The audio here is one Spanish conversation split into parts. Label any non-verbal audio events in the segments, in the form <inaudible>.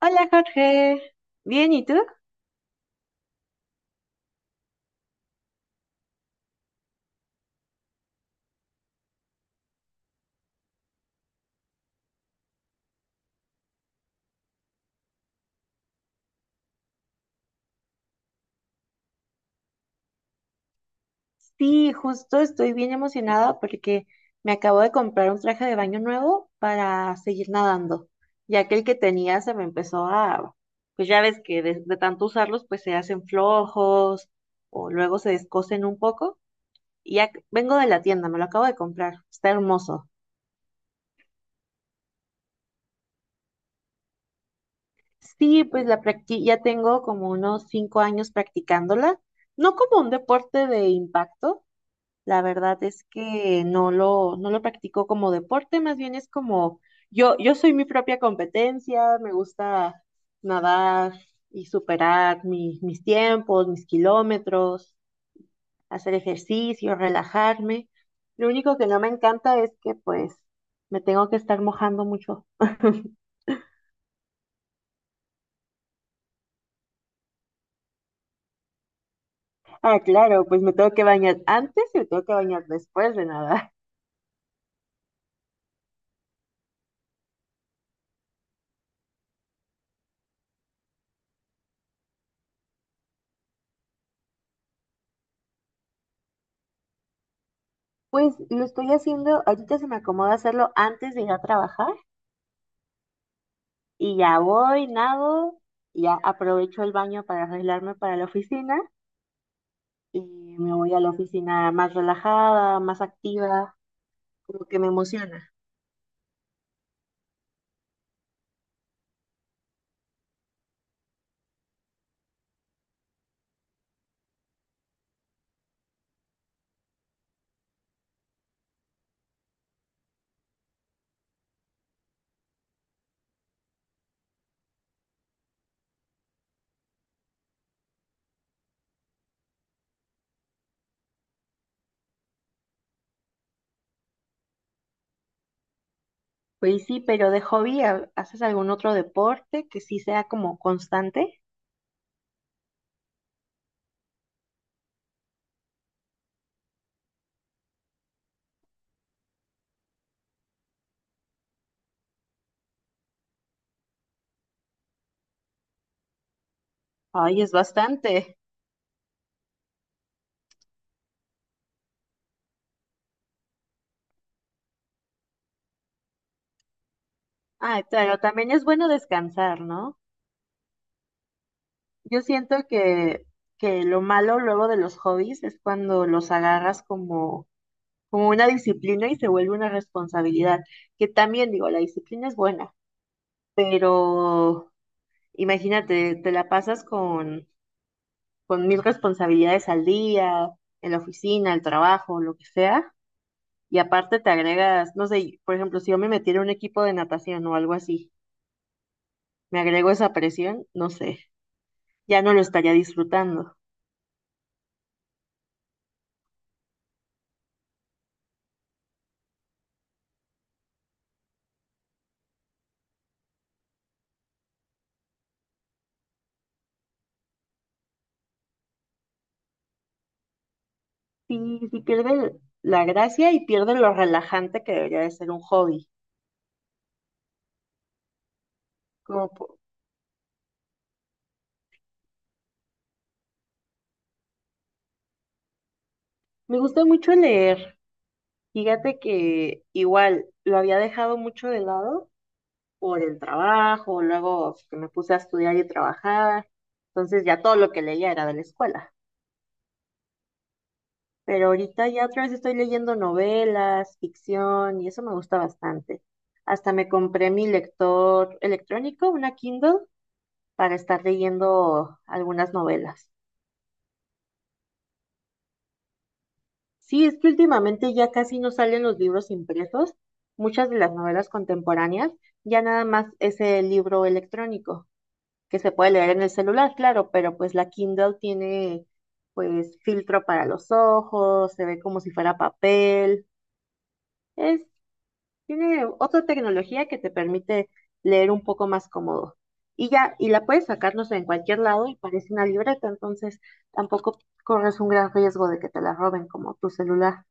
Hola Jorge, ¿bien y tú? Sí, justo estoy bien emocionada porque me acabo de comprar un traje de baño nuevo para seguir nadando, ya que el que tenía se me empezó a, pues ya ves que de tanto usarlos pues se hacen flojos o luego se descosen un poco y ya vengo de la tienda, me lo acabo de comprar, está hermoso. Sí, pues ya tengo como unos 5 años practicándola, no como un deporte de impacto. La verdad es que no lo practico como deporte, más bien es como yo soy mi propia competencia, me gusta nadar y superar mis tiempos, mis kilómetros, hacer ejercicio, relajarme. Lo único que no me encanta es que pues me tengo que estar mojando mucho. <laughs> Ah, claro, pues me tengo que bañar antes y me tengo que bañar después de nadar. Pues lo estoy haciendo, ahorita se me acomoda hacerlo antes de ir a trabajar. Y ya voy, nado, y ya aprovecho el baño para arreglarme para la oficina y me voy a la oficina más relajada, más activa, como que me emociona. Pues sí, pero de hobby, ¿haces algún otro deporte que sí sea como constante? Ay, es bastante. Ah, claro, también es bueno descansar, ¿no? Yo siento que lo malo luego de los hobbies es cuando los agarras como, como una disciplina y se vuelve una responsabilidad, que también digo, la disciplina es buena. Pero imagínate, te la pasas con mil responsabilidades al día, en la oficina, el trabajo, lo que sea, y aparte te agregas, no sé, por ejemplo, si yo me metiera en un equipo de natación o algo así, me agrego esa presión, no sé, ya no lo estaría disfrutando. Sí, sí pierde la gracia y pierde lo relajante que debería de ser un hobby. Como, po- Me gusta mucho leer. Fíjate que igual lo había dejado mucho de lado por el trabajo, luego pues, que me puse a estudiar y trabajar, entonces ya todo lo que leía era de la escuela. Pero ahorita ya otra vez estoy leyendo novelas, ficción y eso me gusta bastante. Hasta me compré mi lector electrónico, una Kindle, para estar leyendo algunas novelas. Sí, es que últimamente ya casi no salen los libros impresos. Muchas de las novelas contemporáneas ya nada más es el libro electrónico, que se puede leer en el celular, claro, pero pues la Kindle tiene pues filtro para los ojos, se ve como si fuera papel, es, tiene otra tecnología que te permite leer un poco más cómodo. Y ya, y la puedes sacarnos en cualquier lado y parece una libreta, entonces tampoco corres un gran riesgo de que te la roben como tu celular.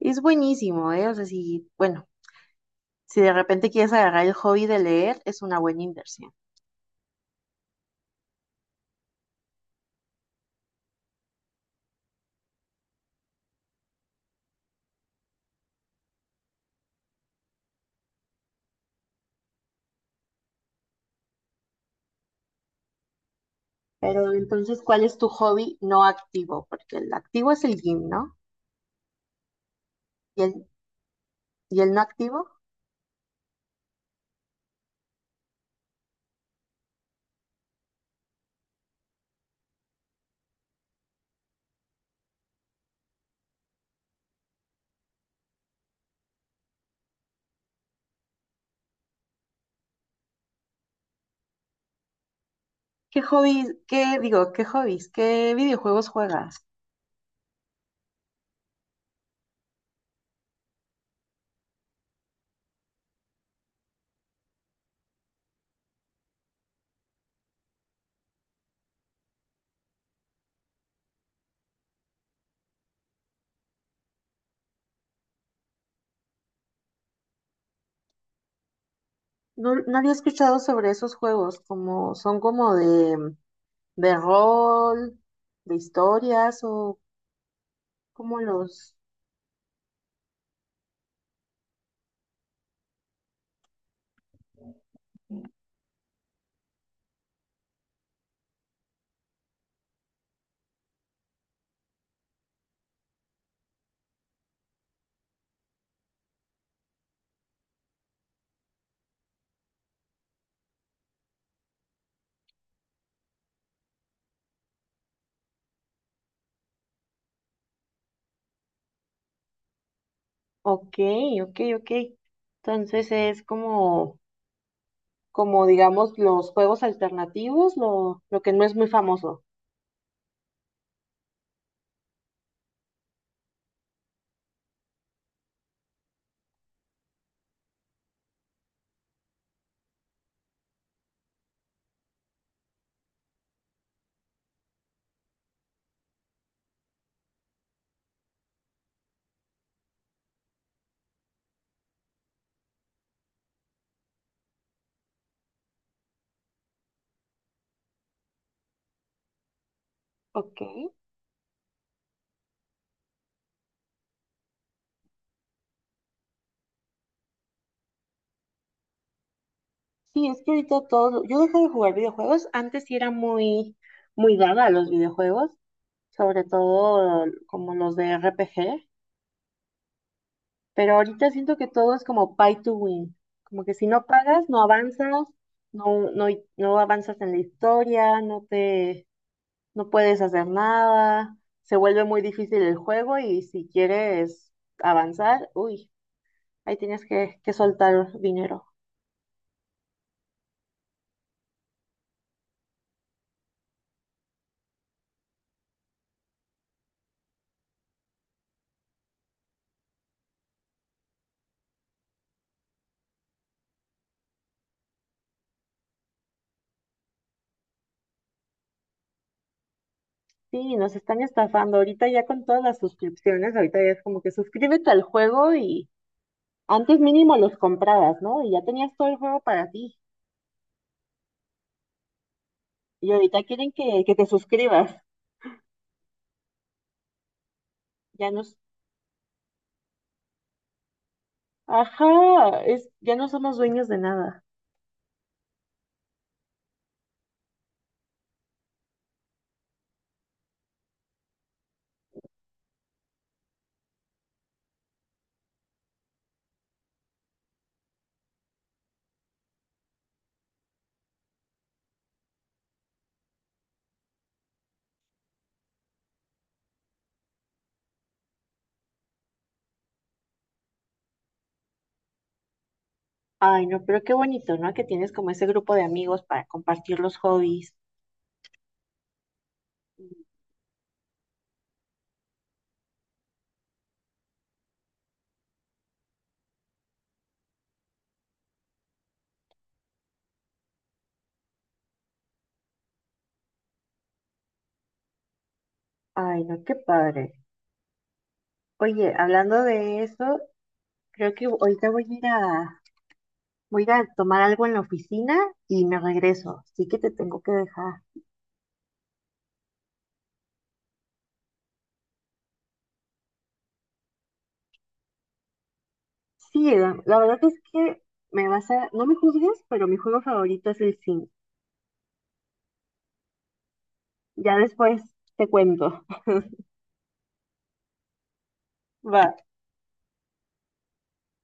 Es buenísimo, ¿eh? O sea, si, bueno, si de repente quieres agarrar el hobby de leer, es una buena inversión. Pero entonces, ¿cuál es tu hobby no activo? Porque el activo es el gym, ¿no? ¿Y el, y el no activo? ¿Qué hobbies, qué digo, qué hobbies, qué videojuegos juegas? No, no había escuchado sobre esos juegos, como son como de rol, de historias o como los... Ok, ok, ok. Entonces es como, como digamos, los juegos alternativos, lo que no es muy famoso. Ok. Sí, es que ahorita todo, yo dejé de jugar videojuegos, antes sí era muy dada a los videojuegos, sobre todo como los de RPG, pero ahorita siento que todo es como pay to win, como que si no pagas, no avanzas, no, no, no avanzas en la historia, no te, no puedes hacer nada, se vuelve muy difícil el juego y si quieres avanzar, uy, ahí tienes que soltar dinero. Sí, nos están estafando. Ahorita ya con todas las suscripciones, ahorita ya es como que suscríbete al juego y antes mínimo los comprabas, ¿no? Y ya tenías todo el juego para ti. Y ahorita quieren que te suscribas. Ya nos, ajá, es, ya no somos dueños de nada. Ay, no, pero qué bonito, ¿no? Que tienes como ese grupo de amigos para compartir los hobbies. Ay, no, qué padre. Oye, hablando de eso, creo que ahorita voy a ir a tomar algo en la oficina y me regreso. Así que te tengo que dejar. Sí, la verdad es que me vas a, no me juzgues, pero mi juego favorito es el sim. Ya después te cuento. <laughs> Va.